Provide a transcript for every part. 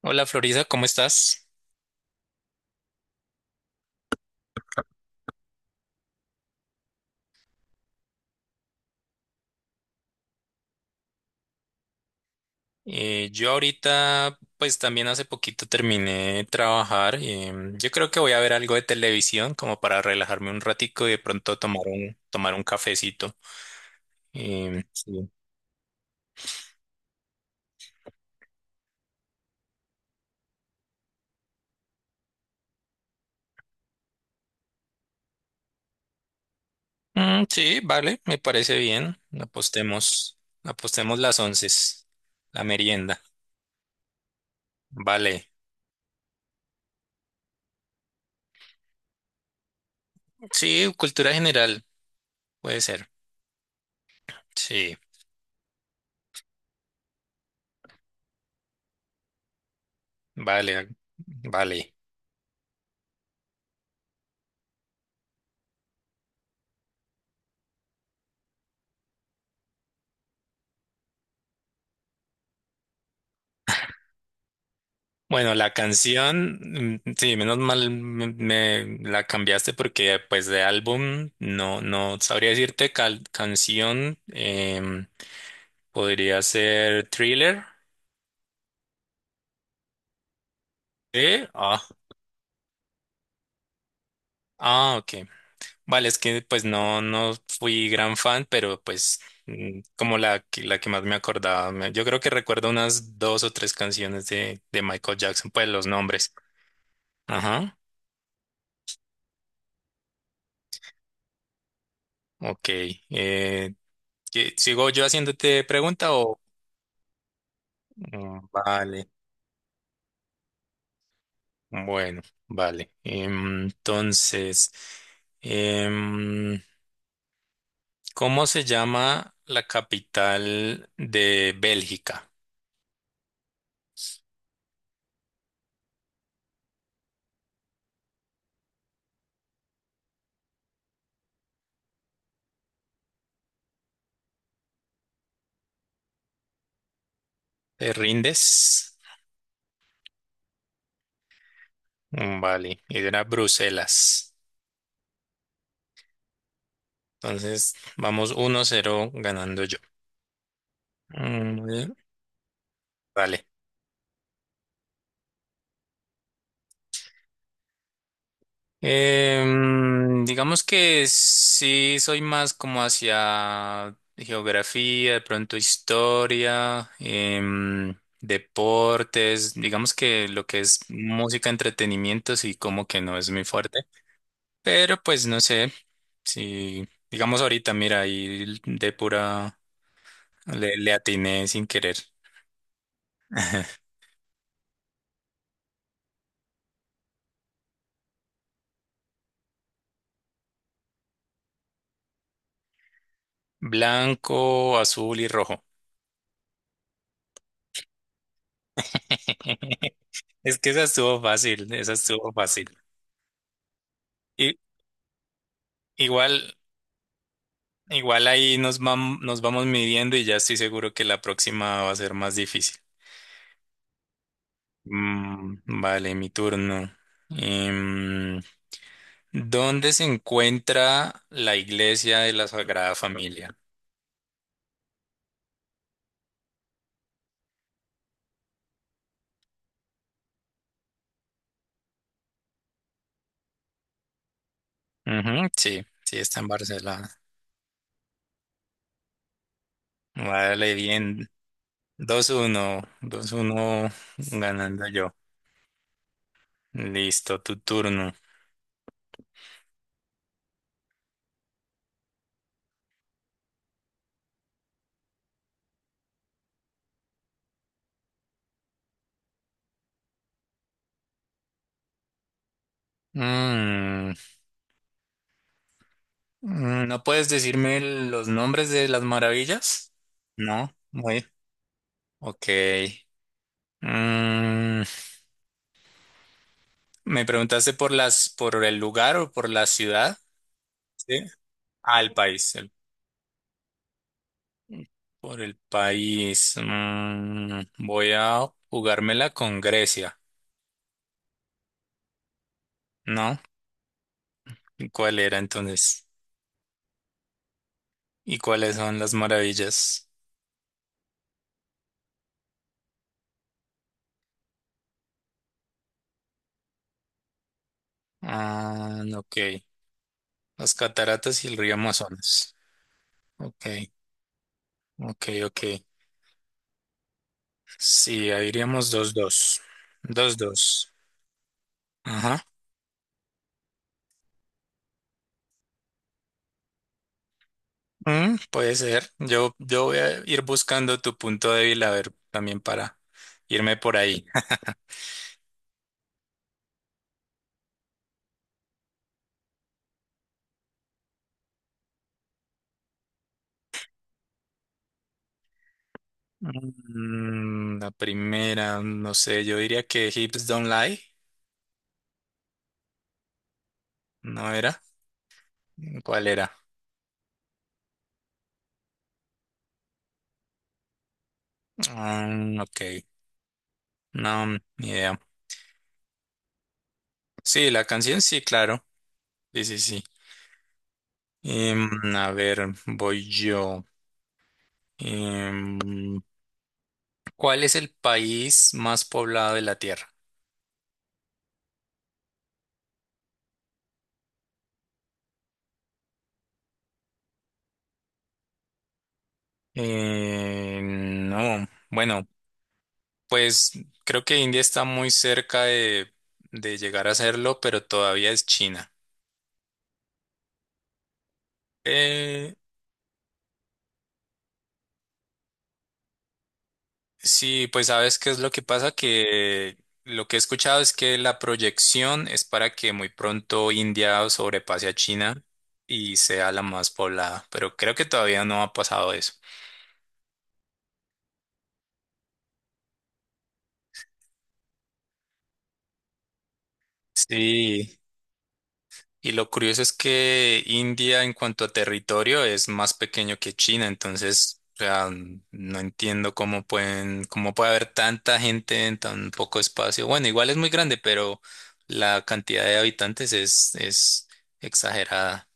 Hola Florida, ¿cómo estás? Yo ahorita, pues también hace poquito terminé de trabajar. Yo creo que voy a ver algo de televisión como para relajarme un ratico y de pronto tomar un cafecito. Sí. Mm, sí, vale, me parece bien. Apostemos las once, la merienda. Vale. Sí, cultura general, puede ser. Sí, vale, vale. Bueno, la canción, sí, menos mal me la cambiaste porque pues de álbum no sabría decirte canción, podría ser Thriller. ¿Eh? Ah, ok. Vale, es que pues no fui gran fan, pero pues como la que más me acordaba, yo creo que recuerdo unas dos o tres canciones de Michael Jackson, pues los nombres. Ajá, ok. Eh, ¿Sigo yo haciéndote pregunta? Mm, vale, bueno, vale. Entonces, em, ¿cómo se llama la capital de Bélgica? ¿Te rindes? Mm, vale, era Bruselas. Entonces, vamos 1-0 ganando yo. Muy bien. Vale, digamos que sí soy más como hacia geografía, de pronto historia, deportes, digamos que lo que es música, entretenimiento, sí como que no es muy fuerte, pero pues no sé, si digamos ahorita, mira, ahí de pura le atiné sin querer. Blanco, azul y rojo. Es que esa estuvo fácil, esa estuvo fácil. Y, igual. Igual ahí nos vamos midiendo y ya estoy seguro que la próxima va a ser más difícil. Mm, vale, mi turno. Em, ¿Dónde se encuentra la iglesia de la Sagrada Familia? Ujú, sí, sí, está en Barcelona. Vale, bien. Dos uno ganando yo. Listo, tu turno. Mm, ¿No puedes decirme los nombres de las maravillas? No, muy. Ok. Mm, ¿Me preguntaste por el lugar o por la ciudad? Sí. Ah, el país. Por el país. Voy a jugármela con Grecia, ¿no? ¿Y cuál era entonces? ¿Y cuáles son las maravillas? Ah, ok. Las cataratas y el río Amazonas. Ok, ok, ok. Sí, ahí iríamos dos dos. Ajá. Puede ser. Yo voy a ir buscando tu punto débil a ver también para irme por ahí. La primera, no sé, yo diría que Hips Don't Lie, ¿no era? ¿Cuál era? Mm, ok, no, ni idea. Sí, la canción sí, claro. Sí, sí, sí. Em, a ver, voy yo. Em, ¿Cuál es el país más poblado de la Tierra? No, bueno. Pues creo que India está muy cerca de llegar a hacerlo, pero todavía es China. Eh, sí, pues sabes qué es lo que pasa, que lo que he escuchado es que la proyección es para que muy pronto India sobrepase a China y sea la más poblada, pero creo que todavía no ha pasado eso. Sí. Y lo curioso es que India en cuanto a territorio es más pequeño que China, entonces, o sea, no entiendo cómo puede haber tanta gente en tan poco espacio. Bueno, igual es muy grande, pero la cantidad de habitantes es exagerada.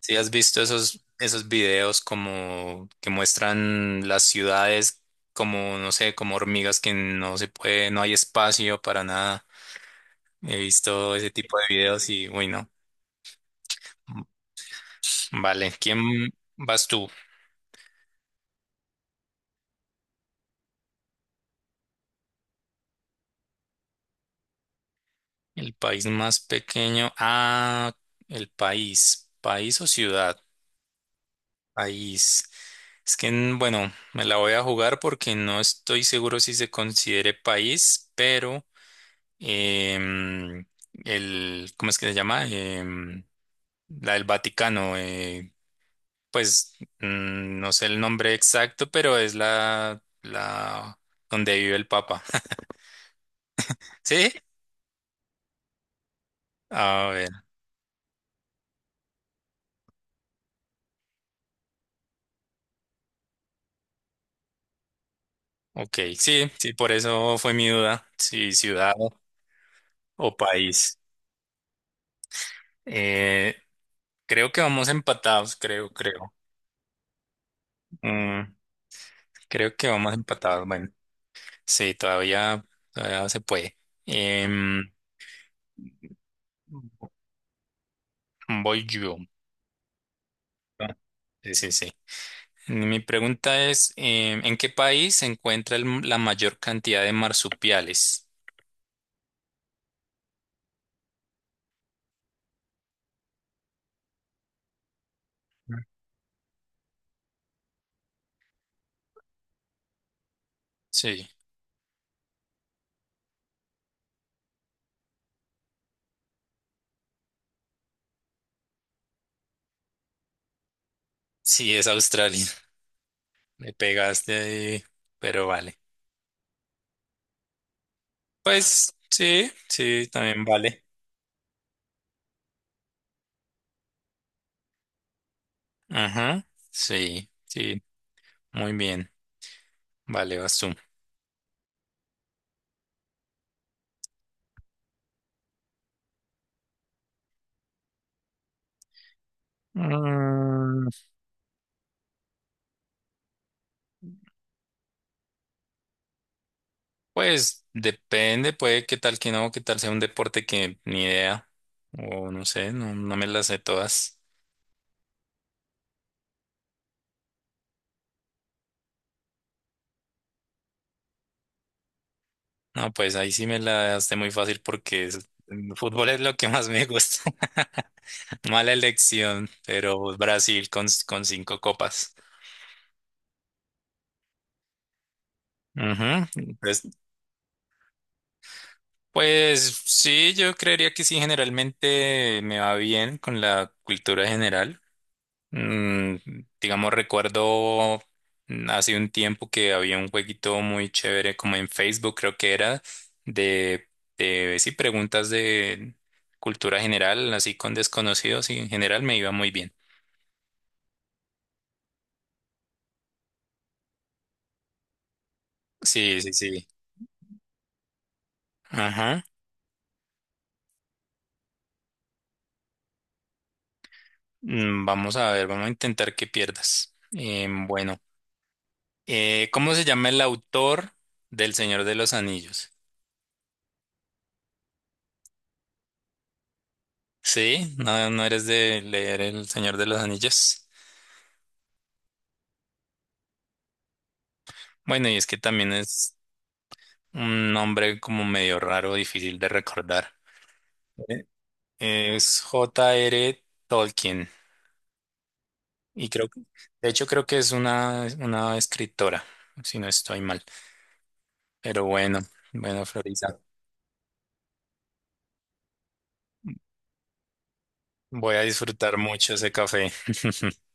Si has visto esos videos como que muestran las ciudades como, no sé, como hormigas que no se puede, no hay espacio para nada. He visto ese tipo de videos y, uy, no. Vale, ¿quién vas tú? El país más pequeño. Ah, el país. ¿País o ciudad? País. Es que, bueno, me la voy a jugar porque no estoy seguro si se considere país, pero em, ¿cómo es que se llama? La del Vaticano. Pues no sé el nombre exacto, pero es la donde vive el Papa. ¿Sí? A ver. Ok, sí, sí, por eso fue mi duda, si ciudad o país. Eh, Creo que vamos empatados, creo, creo. Mm, Creo que vamos empatados, bueno, sí, todavía se puede. Em, Voy yo. Ah, sí, sí, sí. Mi pregunta es, ¿en qué país se encuentra la mayor cantidad de marsupiales? Sí, sí, es Australia. Me pegaste ahí, pero vale. Pues sí, sí, también vale. Ajá, sí, sí, muy bien. Vale, vas tú. Mm, pues depende, puede que tal que no, que tal sea un deporte que ni idea, o no sé, no me las sé todas. No, pues ahí sí me la hace muy fácil porque el fútbol es lo que más me gusta. Mala elección, pero Brasil con cinco copas. Ujú, pues sí, yo creería que sí, generalmente me va bien con la cultura general. Mm, digamos, recuerdo hace un tiempo que había un jueguito muy chévere como en Facebook, creo que era de, de sí, preguntas de cultura general, así con desconocidos y en general me iba muy bien. Sí, sí, sí. Ajá. Vamos a ver, vamos a intentar que pierdas. Bueno, ¿cómo se llama el autor del Señor de los Anillos? Sí, no, no eres de leer El Señor de los Anillos. Bueno, y es que también es un nombre como medio raro, difícil de recordar. ¿Eh? Es J.R. Tolkien. Y creo que, de hecho, creo que es una escritora, si no estoy mal. Pero bueno, bueno, Florisa, voy a disfrutar mucho ese café.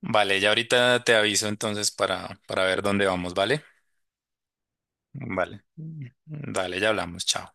Vale, ya ahorita te aviso entonces para ver dónde vamos, ¿vale? Vale. Dale, ya hablamos, chao.